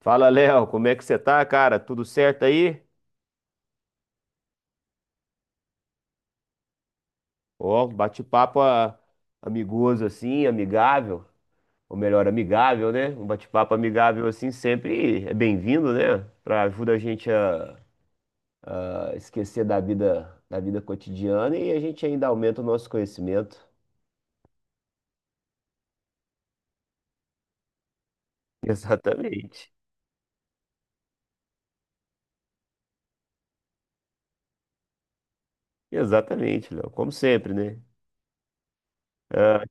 Fala, Léo, como é que você tá, cara? Tudo certo aí? Ó, um bate-papo amigoso assim, amigável, ou melhor, amigável, né? Um bate-papo amigável assim sempre é bem-vindo, né? Pra ajuda a gente a esquecer da vida cotidiana e a gente ainda aumenta o nosso conhecimento. Exatamente. Exatamente, Léo. Como sempre, né? Ah,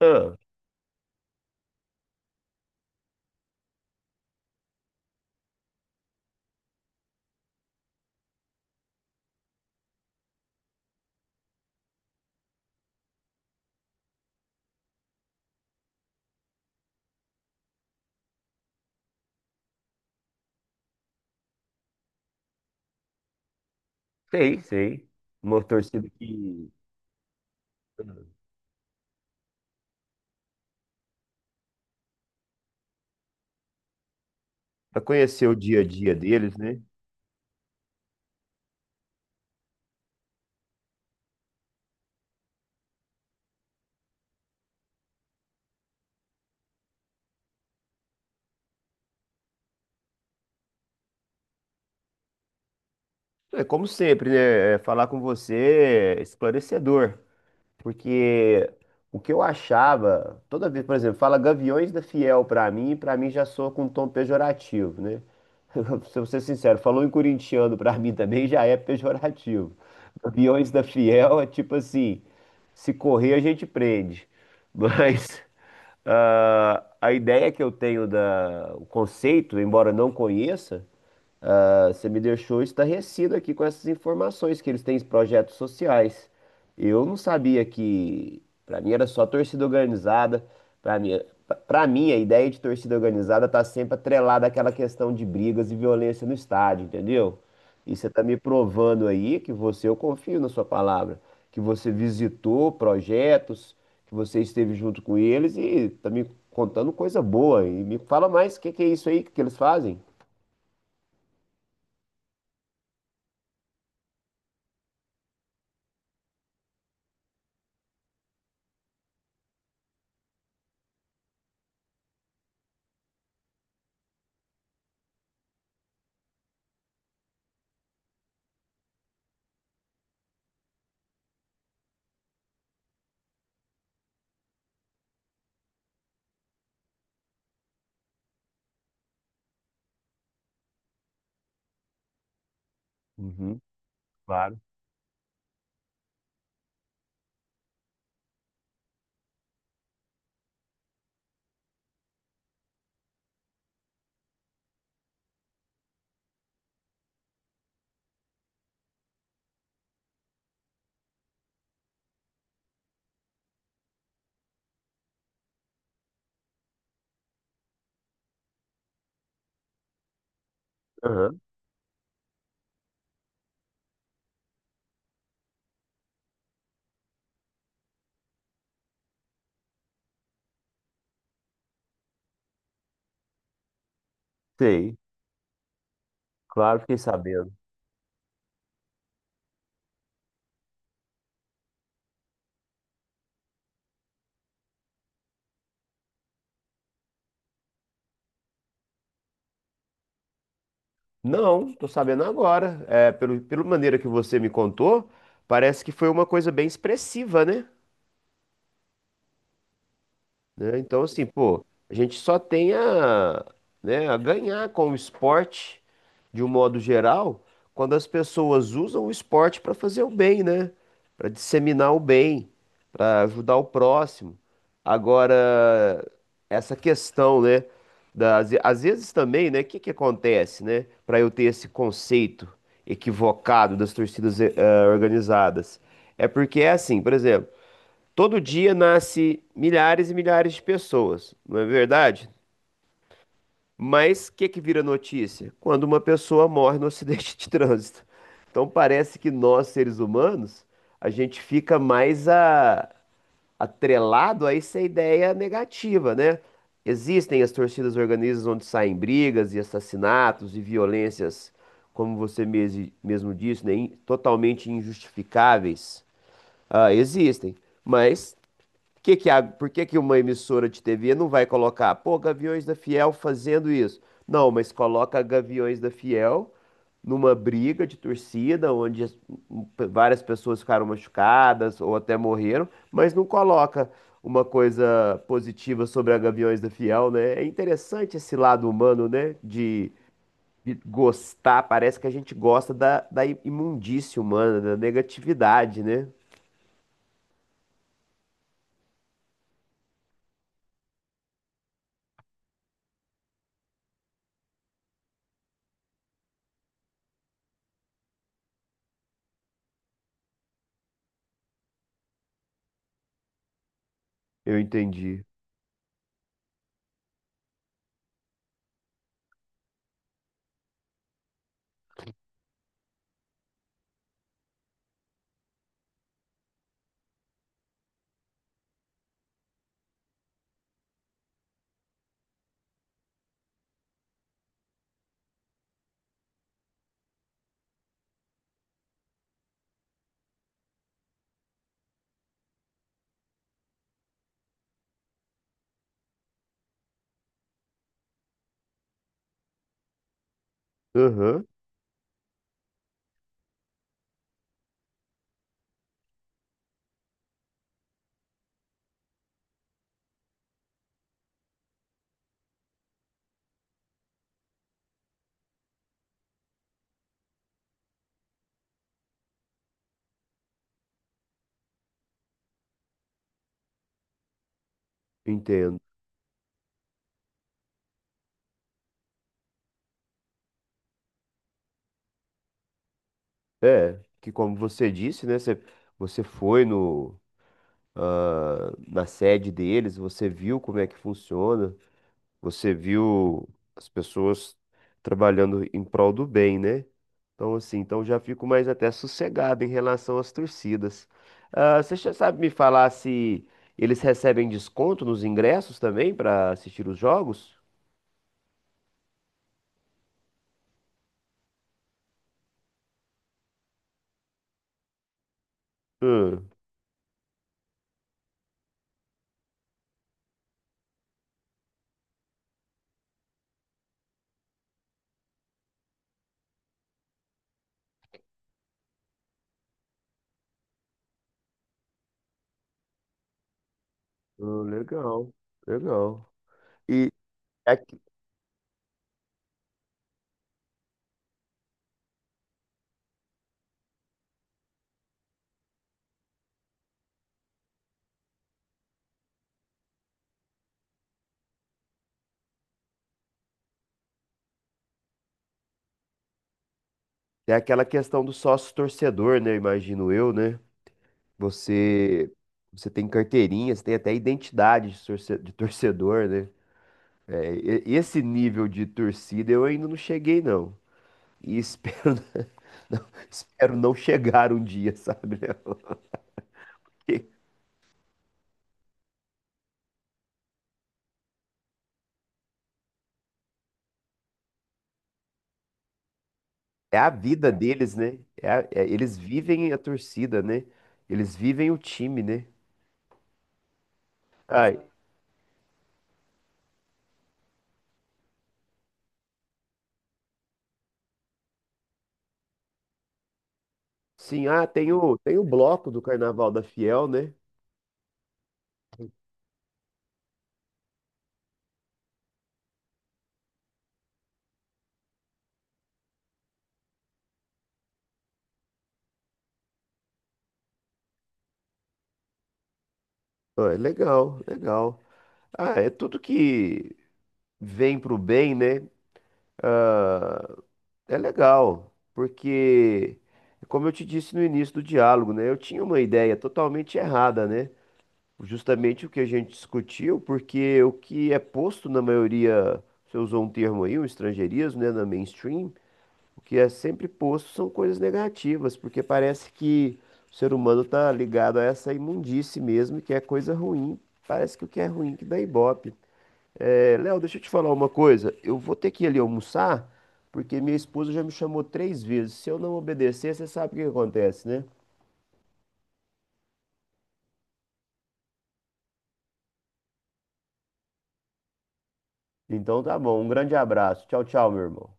ah, sei, sei. Uma torcida que para conhecer o dia a dia deles, né? É como sempre, né? Falar com você é esclarecedor, porque o que eu achava, toda vez, por exemplo, fala Gaviões da Fiel pra mim já soa com um tom pejorativo, né? Se eu ser sincero, falou em corintiano pra mim também já é pejorativo. Gaviões da Fiel é tipo assim, se correr a gente prende. Mas a ideia que eu tenho da, o conceito, embora eu não conheça, você me deixou estarrecido aqui com essas informações que eles têm projetos sociais. Eu não sabia que, para mim era só torcida organizada. Para mim, para mim a ideia de torcida organizada tá sempre atrelada àquela questão de brigas e violência no estádio, entendeu? E você tá me provando aí que você, eu confio na sua palavra, que você visitou projetos, que você esteve junto com eles e tá me contando coisa boa. E me fala mais o que que é isso aí que eles fazem? Uhum. Claro. Aham. Sei, claro, fiquei sabendo. Não, tô sabendo agora. É, pelo, pela maneira que você me contou, parece que foi uma coisa bem expressiva, né? Né? Então, assim, pô, a gente só tem a, né, a ganhar com o esporte, de um modo geral, quando as pessoas usam o esporte para fazer o bem, né? Para disseminar o bem, para ajudar o próximo. Agora, essa questão, né? Das, às vezes também, né? O que que acontece, né? Para eu ter esse conceito equivocado das torcidas organizadas. É porque é assim, por exemplo. Todo dia nasce milhares e milhares de pessoas, não é verdade? Mas o que que vira notícia? Quando uma pessoa morre no acidente de trânsito. Então parece que nós, seres humanos, a gente fica mais atrelado a essa ideia negativa, né? Existem as torcidas organizadas onde saem brigas e assassinatos e violências, como você mesmo disse, né? Totalmente injustificáveis. Ah, existem. Mas que por que que uma emissora de TV não vai colocar, pô, Gaviões da Fiel fazendo isso? Não, mas coloca Gaviões da Fiel numa briga de torcida, onde várias pessoas ficaram machucadas ou até morreram, mas não coloca uma coisa positiva sobre a Gaviões da Fiel, né? É interessante esse lado humano, né? De gostar, parece que a gente gosta da, da imundície humana, da negatividade, né? Eu entendi. Aham, entendo. É, que como você disse, né? Você, você foi no, na sede deles, você viu como é que funciona, você viu as pessoas trabalhando em prol do bem, né? Então, assim, então já fico mais até sossegado em relação às torcidas. Ah, você já sabe me falar se eles recebem desconto nos ingressos também para assistir os jogos? Hum. Ah, legal, legal. E tem aquela questão do sócio torcedor, né? Imagino eu, né? Você, você tem carteirinha, você tem até identidade de de torcedor, né? É, esse nível de torcida eu ainda não cheguei, não. E espero, não, espero não chegar um dia, sabe? Léo? Porque é a vida deles, né? Eles vivem a torcida, né? Eles vivem o time, né? Ai, sim, ah, tem o bloco do Carnaval da Fiel, né? Ah, legal, legal. Ah, é tudo que vem pro bem, né? É legal, porque, como eu te disse no início do diálogo, né? Eu tinha uma ideia totalmente errada, né? Justamente o que a gente discutiu, porque o que é posto na maioria, você usou um termo aí, um estrangeirismo, né? Na mainstream, o que é sempre posto são coisas negativas, porque parece que o ser humano tá ligado a essa imundície mesmo, que é coisa ruim. Parece que o que é ruim que dá ibope. É, Léo, deixa eu te falar uma coisa. Eu vou ter que ir ali almoçar, porque minha esposa já me chamou 3 vezes. Se eu não obedecer, você sabe o que acontece, né? Então tá bom. Um grande abraço. Tchau, tchau, meu irmão.